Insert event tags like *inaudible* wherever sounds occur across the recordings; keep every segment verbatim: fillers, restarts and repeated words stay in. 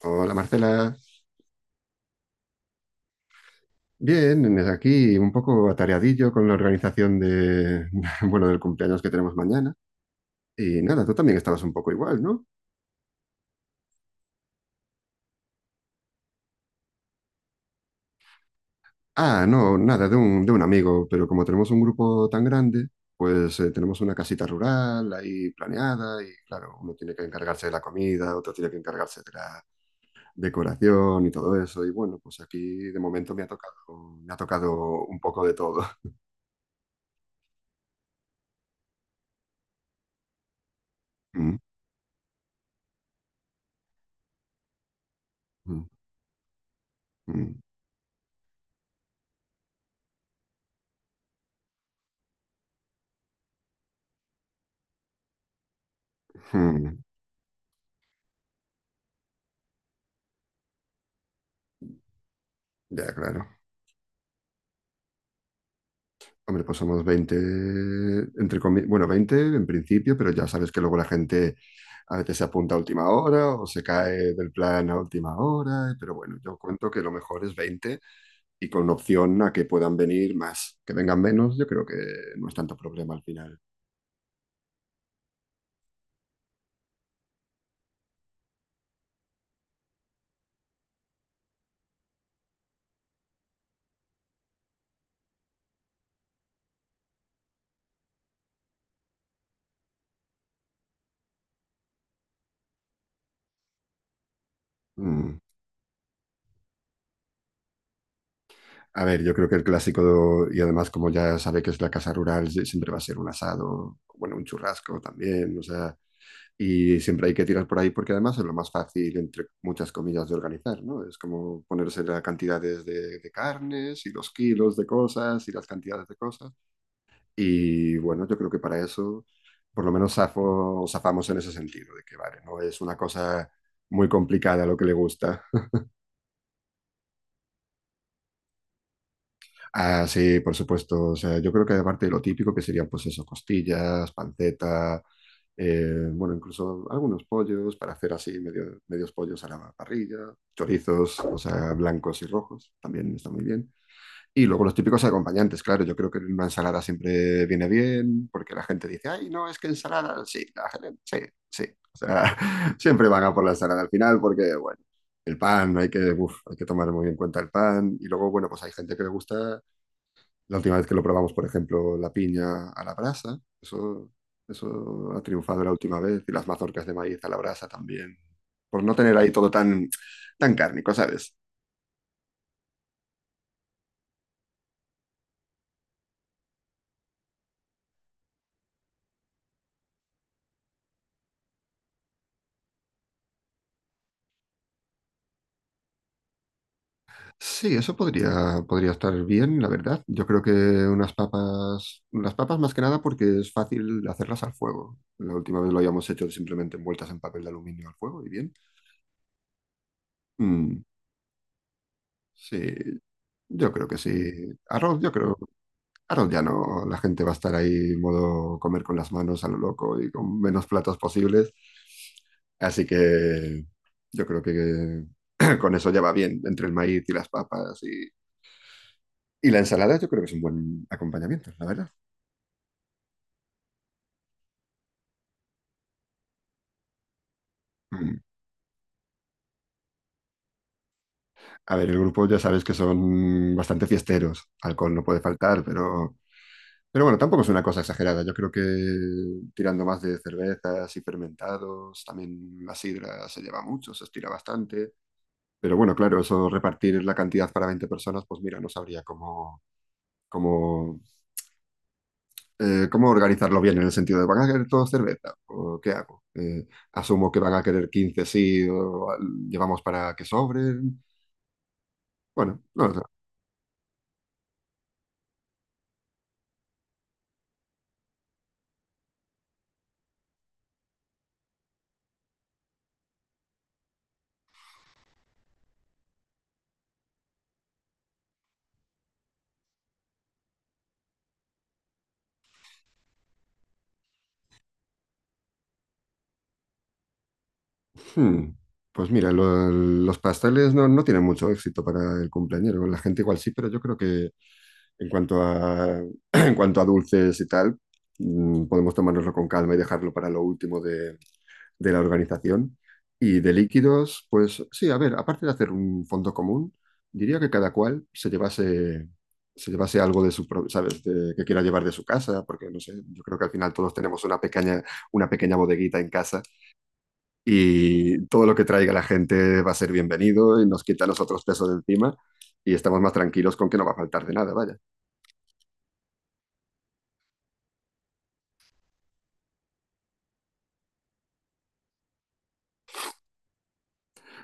Hola, Marcela. Bien, desde aquí un poco atareadillo con la organización de, *laughs* bueno, del cumpleaños que tenemos mañana. Y nada, tú también estabas un poco igual, ¿no? Ah, no, nada, de un, de un amigo, pero como tenemos un grupo tan grande, pues eh, tenemos una casita rural ahí planeada y claro, uno tiene que encargarse de la comida, otro tiene que encargarse de la decoración y todo eso. Y bueno, pues aquí de momento me ha tocado, me ha tocado un poco de todo. *laughs* Mm, mm, mm, mm. Ya, claro. Hombre, pues somos veinte, entre comi- bueno, veinte en principio, pero ya sabes que luego la gente a veces se apunta a última hora o se cae del plan a última hora, pero bueno, yo cuento que lo mejor es veinte y con opción a que puedan venir más. Que vengan menos, yo creo que no es tanto problema al final. Mm. A ver, yo creo que el clásico, y además como ya sabe que es la casa rural, sí, siempre va a ser un asado, bueno, un churrasco también, o sea, y siempre hay que tirar por ahí porque además es lo más fácil, entre muchas comillas, de organizar, ¿no? Es como ponerse las cantidades de, de carnes y los kilos de cosas y las cantidades de cosas. Y bueno, yo creo que para eso, por lo menos zafo, zafamos en ese sentido, de que vale, no es una cosa muy complicada lo que le gusta. Ah, sí, por supuesto. O sea, yo creo que aparte de lo típico que serían, pues eso, costillas, panceta, eh, bueno, incluso algunos pollos para hacer así medio- medios pollos a la parrilla, chorizos, o sea, blancos y rojos, también está muy bien. Y luego los típicos acompañantes, claro, yo creo que una ensalada siempre viene bien, porque la gente dice, ay, no, es que ensalada, sí, la gente, sí, sí. O sea, *laughs* siempre van a por la ensalada al final, porque, bueno. El pan, hay que, uf, hay que tomar muy en cuenta el pan. Y luego, bueno, pues hay gente que le gusta la última vez que lo probamos, por ejemplo, la piña a la brasa, eso, eso ha triunfado la última vez, y las mazorcas de maíz a la brasa también, por no tener ahí todo tan, tan cárnico, ¿sabes? Sí, eso podría, podría estar bien, la verdad. Yo creo que unas papas, las papas más que nada porque es fácil hacerlas al fuego. La última vez lo habíamos hecho simplemente envueltas en papel de aluminio al fuego y bien. Mm, sí, yo creo que sí. Arroz, yo creo. Claro, ya no, la gente va a estar ahí modo comer con las manos a lo loco y con menos platos posibles. Así que yo creo que *clears throat* con eso ya va bien, entre el maíz y las papas y, y la ensalada, yo creo que es un buen acompañamiento, la verdad. Mm. A ver, el grupo ya sabes que son bastante fiesteros, alcohol no puede faltar, pero, pero bueno, tampoco es una cosa exagerada. Yo creo que tirando más de cervezas y fermentados, también la sidra se lleva mucho, se estira bastante. Pero bueno, claro, eso repartir la cantidad para veinte personas, pues mira, no sabría cómo, cómo, eh, cómo organizarlo bien en el sentido de, ¿van a querer todos cerveza? ¿O qué hago? Eh, asumo que van a querer quince sí, o al- llevamos para que sobren. Bueno, no lo sé. Hmm, pues mira, lo- los pasteles no, no tienen mucho éxito para el cumpleañero. La gente igual sí, pero yo creo que en cuanto a, *clears throat* en cuanto a dulces y tal, mm, podemos tomárnoslo con calma y dejarlo para lo último de, de la organización. Y de líquidos, pues sí, a ver, aparte de hacer un fondo común, diría que cada cual se llevase, se llevase algo de su, pro- ¿sabes? De- que quiera llevar de su casa, porque no sé, yo creo que al final todos tenemos una pequeña, una pequeña bodeguita en casa y todo lo que traiga la gente va a ser bienvenido y nos quita a nosotros peso de encima y estamos más tranquilos con que no va a faltar de nada, vaya.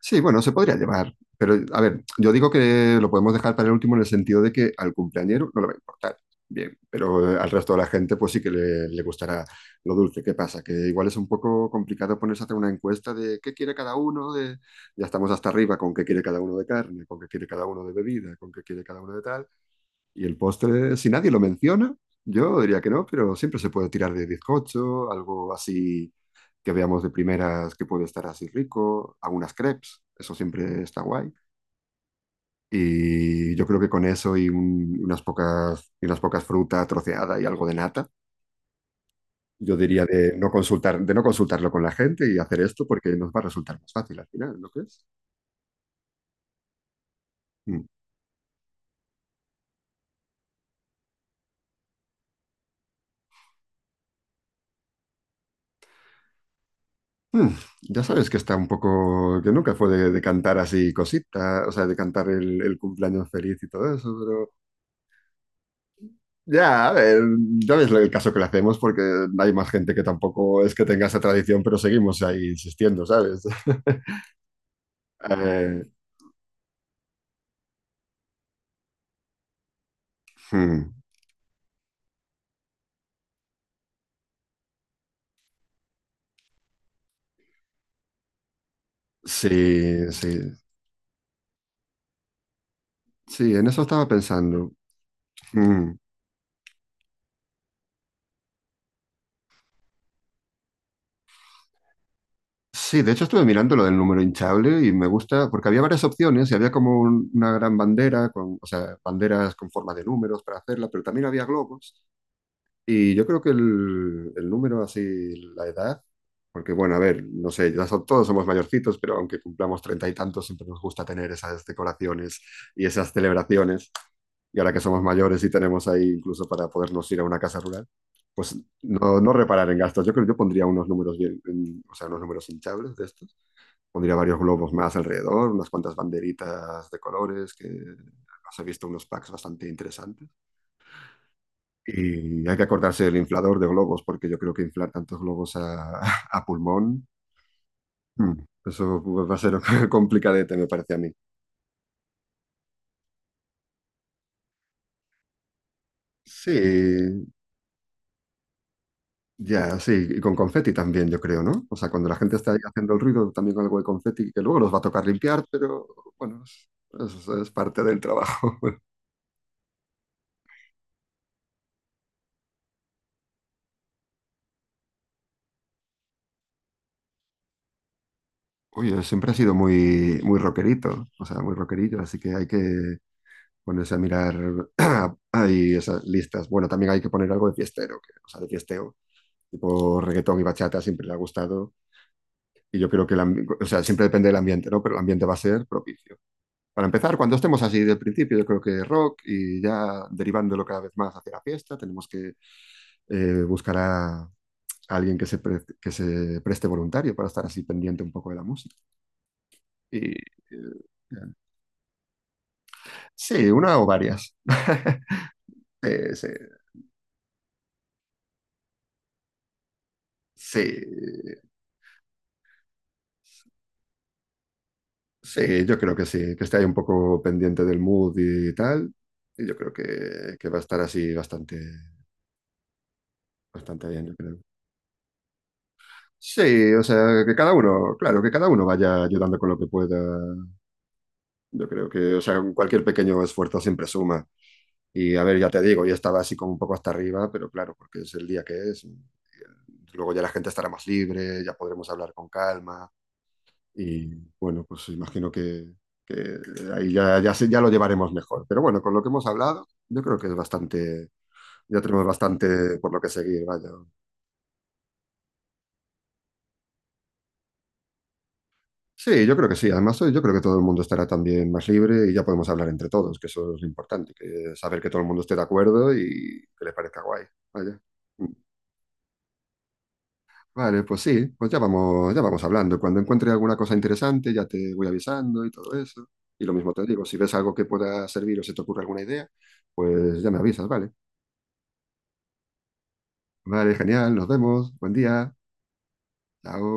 Sí, bueno, se podría llevar, pero a ver, yo digo que lo podemos dejar para el último en el sentido de que al cumpleañero no le va a importar. Bien, pero eh, al resto de la gente pues sí que le, le gustará lo dulce. ¿Qué pasa? Que igual es un poco complicado ponerse a hacer una encuesta de qué quiere cada uno, de... ya estamos hasta arriba con qué quiere cada uno de carne, con qué quiere cada uno de bebida, con qué quiere cada uno de tal. Y el postre, si nadie lo menciona, yo diría que no, pero siempre se puede tirar de bizcocho, algo así que veamos de primeras que puede estar así rico, algunas crepes, eso siempre está guay. Y yo creo que con eso y un- unas pocas, y unas pocas frutas troceadas y algo de nata, yo diría de no consultar, de no consultarlo con la gente y hacer esto porque nos va a resultar más fácil al final, ¿no crees? Mm. Hmm, ya sabes que está un poco, que nunca fue de, de cantar así cositas, o sea, de cantar el, el cumpleaños feliz y todo eso, pero ya, a ver, ya ves el caso que le hacemos porque hay más gente que tampoco es que tenga esa tradición, pero seguimos ahí insistiendo, ¿sabes? *laughs* Eh, hmm, sí, sí, sí, en eso estaba pensando. Hmm, sí, de hecho estuve mirando lo del número hinchable y me gusta, porque había varias opciones y había como un- una gran bandera, con, o sea, banderas con forma de números para hacerla, pero también había globos. Y yo creo que el, el número, así, la edad, porque bueno, a ver, no sé, ya son- todos somos mayorcitos, pero aunque cumplamos treinta y tantos, siempre nos gusta tener esas decoraciones y esas celebraciones. Y ahora que somos mayores y tenemos ahí incluso para podernos ir a una casa rural, pues no, no reparar en gastos. Yo creo que yo pondría unos números bien, en- o sea, unos números hinchables de estos. Pondría varios globos más alrededor, unas cuantas banderitas de colores, que os he visto unos packs bastante interesantes. Y hay que acordarse del inflador de globos, porque yo creo que inflar tantos globos a, *laughs* a pulmón, mm, eso va a ser *laughs* complicadete, me parece a mí. Sí, ya, sí, y con confeti también, yo creo, ¿no? O sea, cuando la gente está ahí haciendo el ruido, también con algo de confeti, que luego los va a tocar limpiar, pero bueno, es, es- es parte del trabajo. Oye, siempre ha sido muy, muy rockerito, o sea, muy rockerillo, así que hay que ponerse a mirar *clears throat* ahí esas listas. Bueno, también hay que poner algo de fiestero, que- o sea, de fiesteo tipo reggaetón y bachata siempre le ha gustado y yo creo que, el ambi- o sea, siempre depende del ambiente, ¿no? Pero el ambiente va a ser propicio. Para empezar, cuando estemos así del principio, yo creo que rock y ya derivándolo cada vez más hacia la fiesta, tenemos que eh, buscar a alguien que se, pre- que se preste voluntario para estar así pendiente un poco de la música. Y, eh, sí, una o varias. Eh, sí, sí, sí, yo creo que sí, que esté ahí un poco pendiente del mood y tal. Y yo creo que, que va a estar así bastante, bastante bien, yo creo. Sí, o sea, que cada uno, claro, que cada uno vaya ayudando con lo que pueda. Yo creo que, o sea, cualquier pequeño esfuerzo siempre suma. Y a ver, ya te digo, yo estaba así como un poco hasta arriba, pero claro, porque es el día que es. Y eh, luego ya la gente estará más libre, ya podremos hablar con calma. Y bueno, pues imagino que, que ahí ya, ya, se- ya lo llevaremos mejor. Pero bueno, con lo que hemos hablado, yo creo que es bastante, ya tenemos bastante por lo que seguir, vaya. Sí, yo creo que sí. Además, hoy yo creo que todo el mundo estará también más libre y ya podemos hablar entre todos, que eso es lo importante, que saber que todo el mundo esté de acuerdo y que le parezca guay. Vaya. Mm. Vale, pues sí, pues ya vamos, ya vamos hablando. Cuando encuentre alguna cosa interesante, ya te voy avisando y todo eso. Y lo mismo te digo, si ves algo que pueda servir o se te ocurre alguna idea, pues ya me avisas, ¿vale? Vale, genial, nos vemos. Buen día. Chao.